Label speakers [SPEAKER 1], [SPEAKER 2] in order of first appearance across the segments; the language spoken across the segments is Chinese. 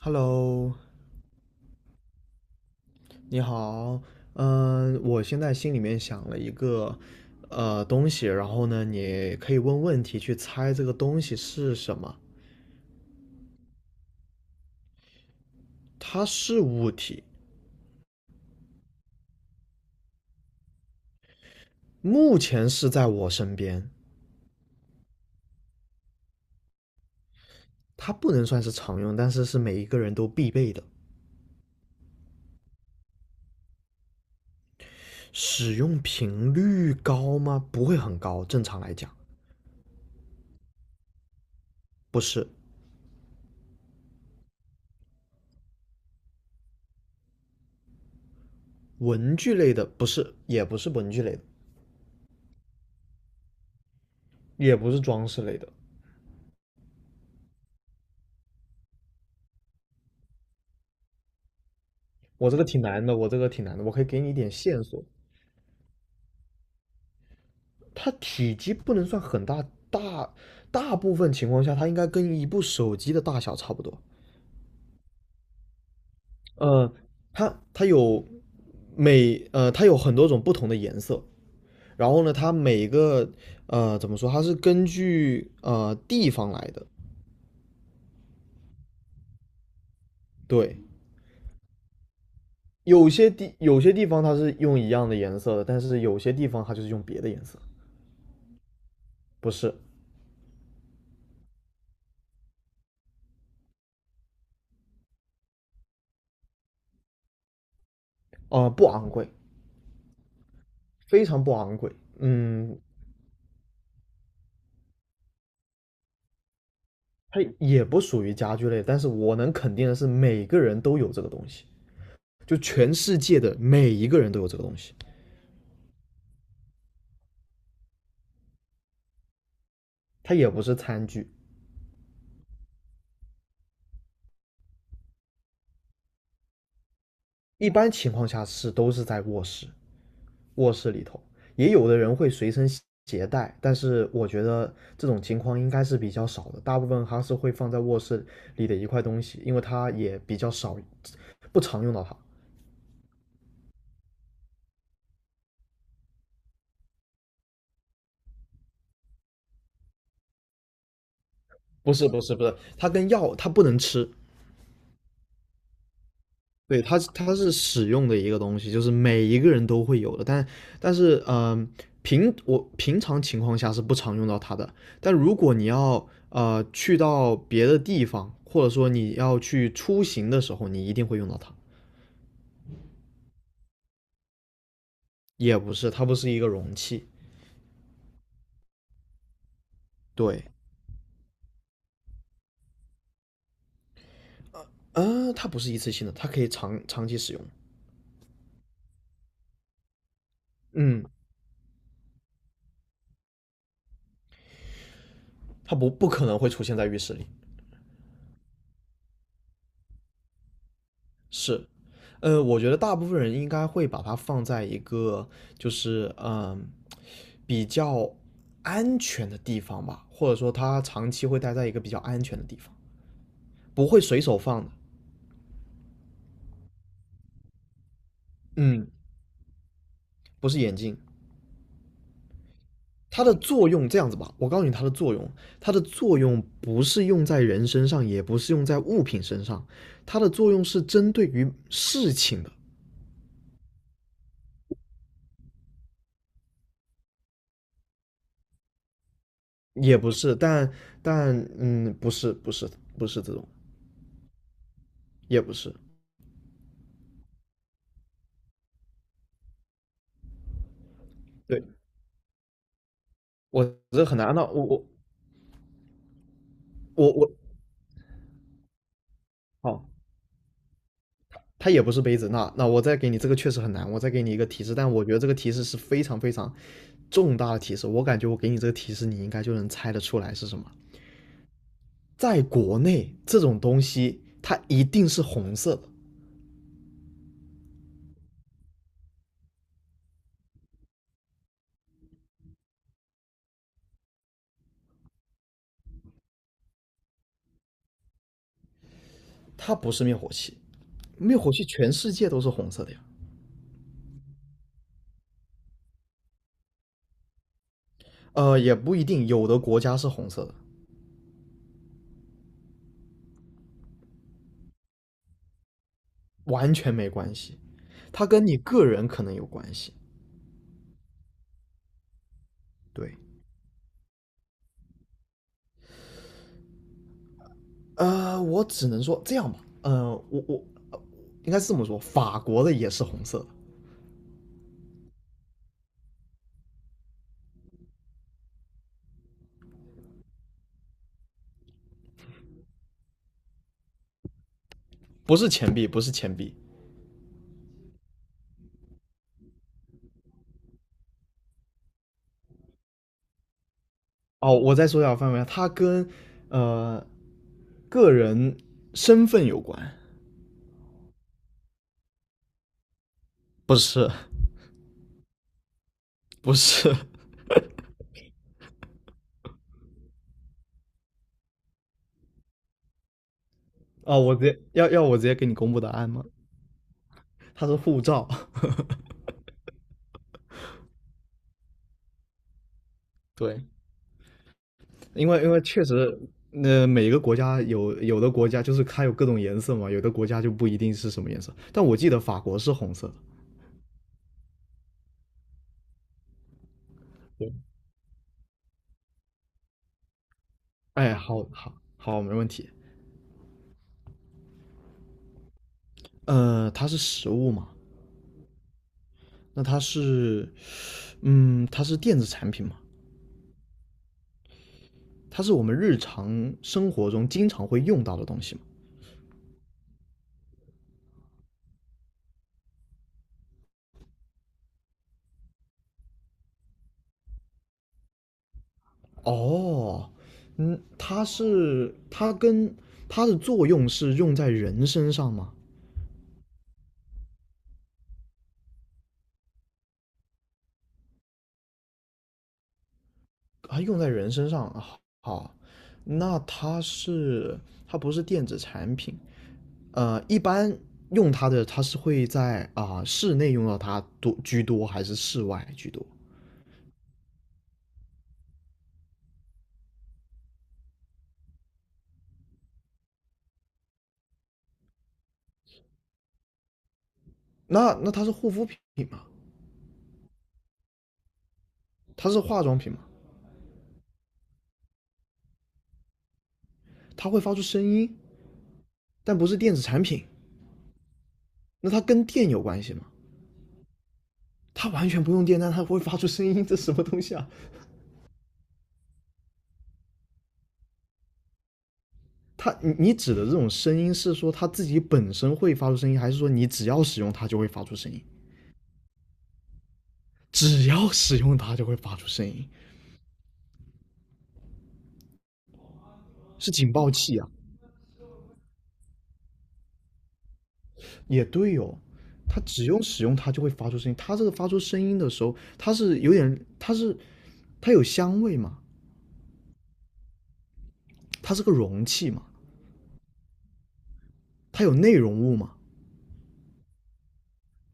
[SPEAKER 1] Hello，你好，嗯，我现在心里面想了一个东西，然后呢，你可以问问题去猜这个东西是什么。它是物体，目前是在我身边，它不能算是常用，但是是每一个人都必备的。使用频率高吗？不会很高，正常来讲，不是文具类的，不是，也不是文具类的，也不是装饰类的。我这个挺难的，我可以给你一点线索。它体积不能算很大，大部分情况下它应该跟一部手机的大小差不多。呃，它有它有很多种不同的颜色，然后呢，它每个怎么说，它是根据地方来的。对，有些地方它是用一样的颜色的，但是有些地方它就是用别的颜色，不是，不昂贵，非常不昂贵。嗯，它也不属于家具类，但是我能肯定的是，每个人都有这个东西，就全世界的每一个人都有这个东西。它也不是餐具，一般情况下是都是在卧室，卧室里头，也有的人会随身携带，但是我觉得这种情况应该是比较少的，大部分它是会放在卧室里的一块东西，因为它也比较少，不常用到它。不是，它跟药它不能吃，对，它是使用的一个东西，就是每一个人都会有的，但是平常情况下是不常用到它的，但如果你要去到别的地方，或者说你要去出行的时候，你一定会用到它。也不是，它不是一个容器，对，它不是一次性的，它可以长期使用，嗯，它不可能会出现在浴室里，是，我觉得大部分人应该会把它放在一个就是嗯比较安全的地方吧，或者说他长期会待在一个比较安全的地方，不会随手放的。嗯，不是眼镜，它的作用这样子吧，我告诉你它的作用，它的作用不是用在人身上，也不是用在物品身上，它的作用是针对于事情的，也不是，但但嗯，不是不是不是这种，也不是。对。我这很难啊。那我，好，它也不是杯子。那我再给你这个确实很难，我再给你一个提示，但我觉得这个提示是非常非常重大的提示。我感觉我给你这个提示，你应该就能猜得出来是什么。在国内，这种东西它一定是红色的，它不是灭火器。灭火器全世界都是红色的呀。也不一定，有的国家是红色的，完全没关系。它跟你个人可能有关系。对，我只能说这样吧，呃，我我呃应该是这么说，法国的也是红色的，不是钱币。哦，我再缩下范围啊，它跟呃个人身份有关，不是，不是。哦，我直接给你公布答案吗？它是护照。对，因为确实，每个国家有的国家就是它有各种颜色嘛，有的国家就不一定是什么颜色。但我记得法国是红色的。对，哎，好，没问题。它是食物嘛，那它是，嗯，它是电子产品嘛，它是我们日常生活中经常会用到的东西嘛。哦，嗯，它的作用是用在人身上吗？啊，用在人身上啊，好，那它是它不是电子产品，一般用它的它是会在啊、室内用到它多居多，还是室外居多？那它是护肤品吗？它是化妆品嘛，它会发出声音，但不是电子产品。那它跟电有关系吗？它完全不用电，但它会发出声音，这什么东西啊？它你指的这种声音是说它自己本身会发出声音，还是说你只要使用它就会发出声音？只要使用它就会发出声音，是警报器啊？也对哦，它只用使用它就会发出声音。它这个发出声音的时候，它是有点，它是它有香味嘛，它是个容器嘛，它有内容物嘛，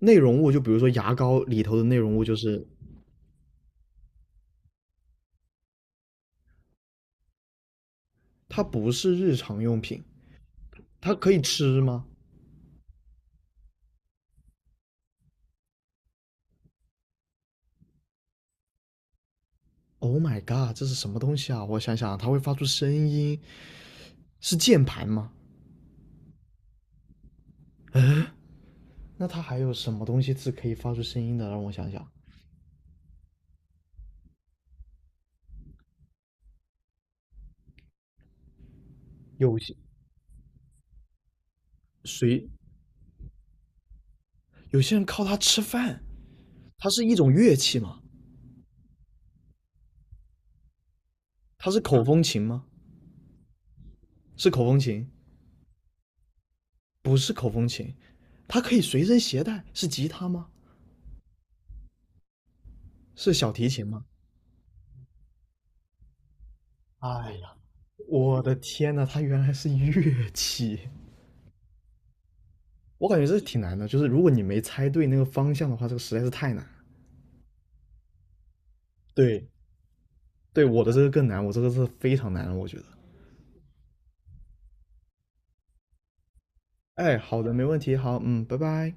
[SPEAKER 1] 内容物，就比如说牙膏里头的内容物，就是它不是日常用品，它可以吃吗？Oh my god，这是什么东西啊？我想想啊，它会发出声音，是键盘吗？那它还有什么东西是可以发出声音的？让我想想，有些谁有些人靠它吃饭，它是一种乐器吗？它是口风琴吗？是口风琴，不是口风琴，它可以随身携带，是吉他吗？是小提琴吗？哎呀，我的天呐，它原来是乐器，我感觉这挺难的。就是如果你没猜对那个方向的话，这个实在是太难。对，对，我的这个更难，我这个是非常难了，我觉得。哎，好的，没问题，好，嗯，拜拜。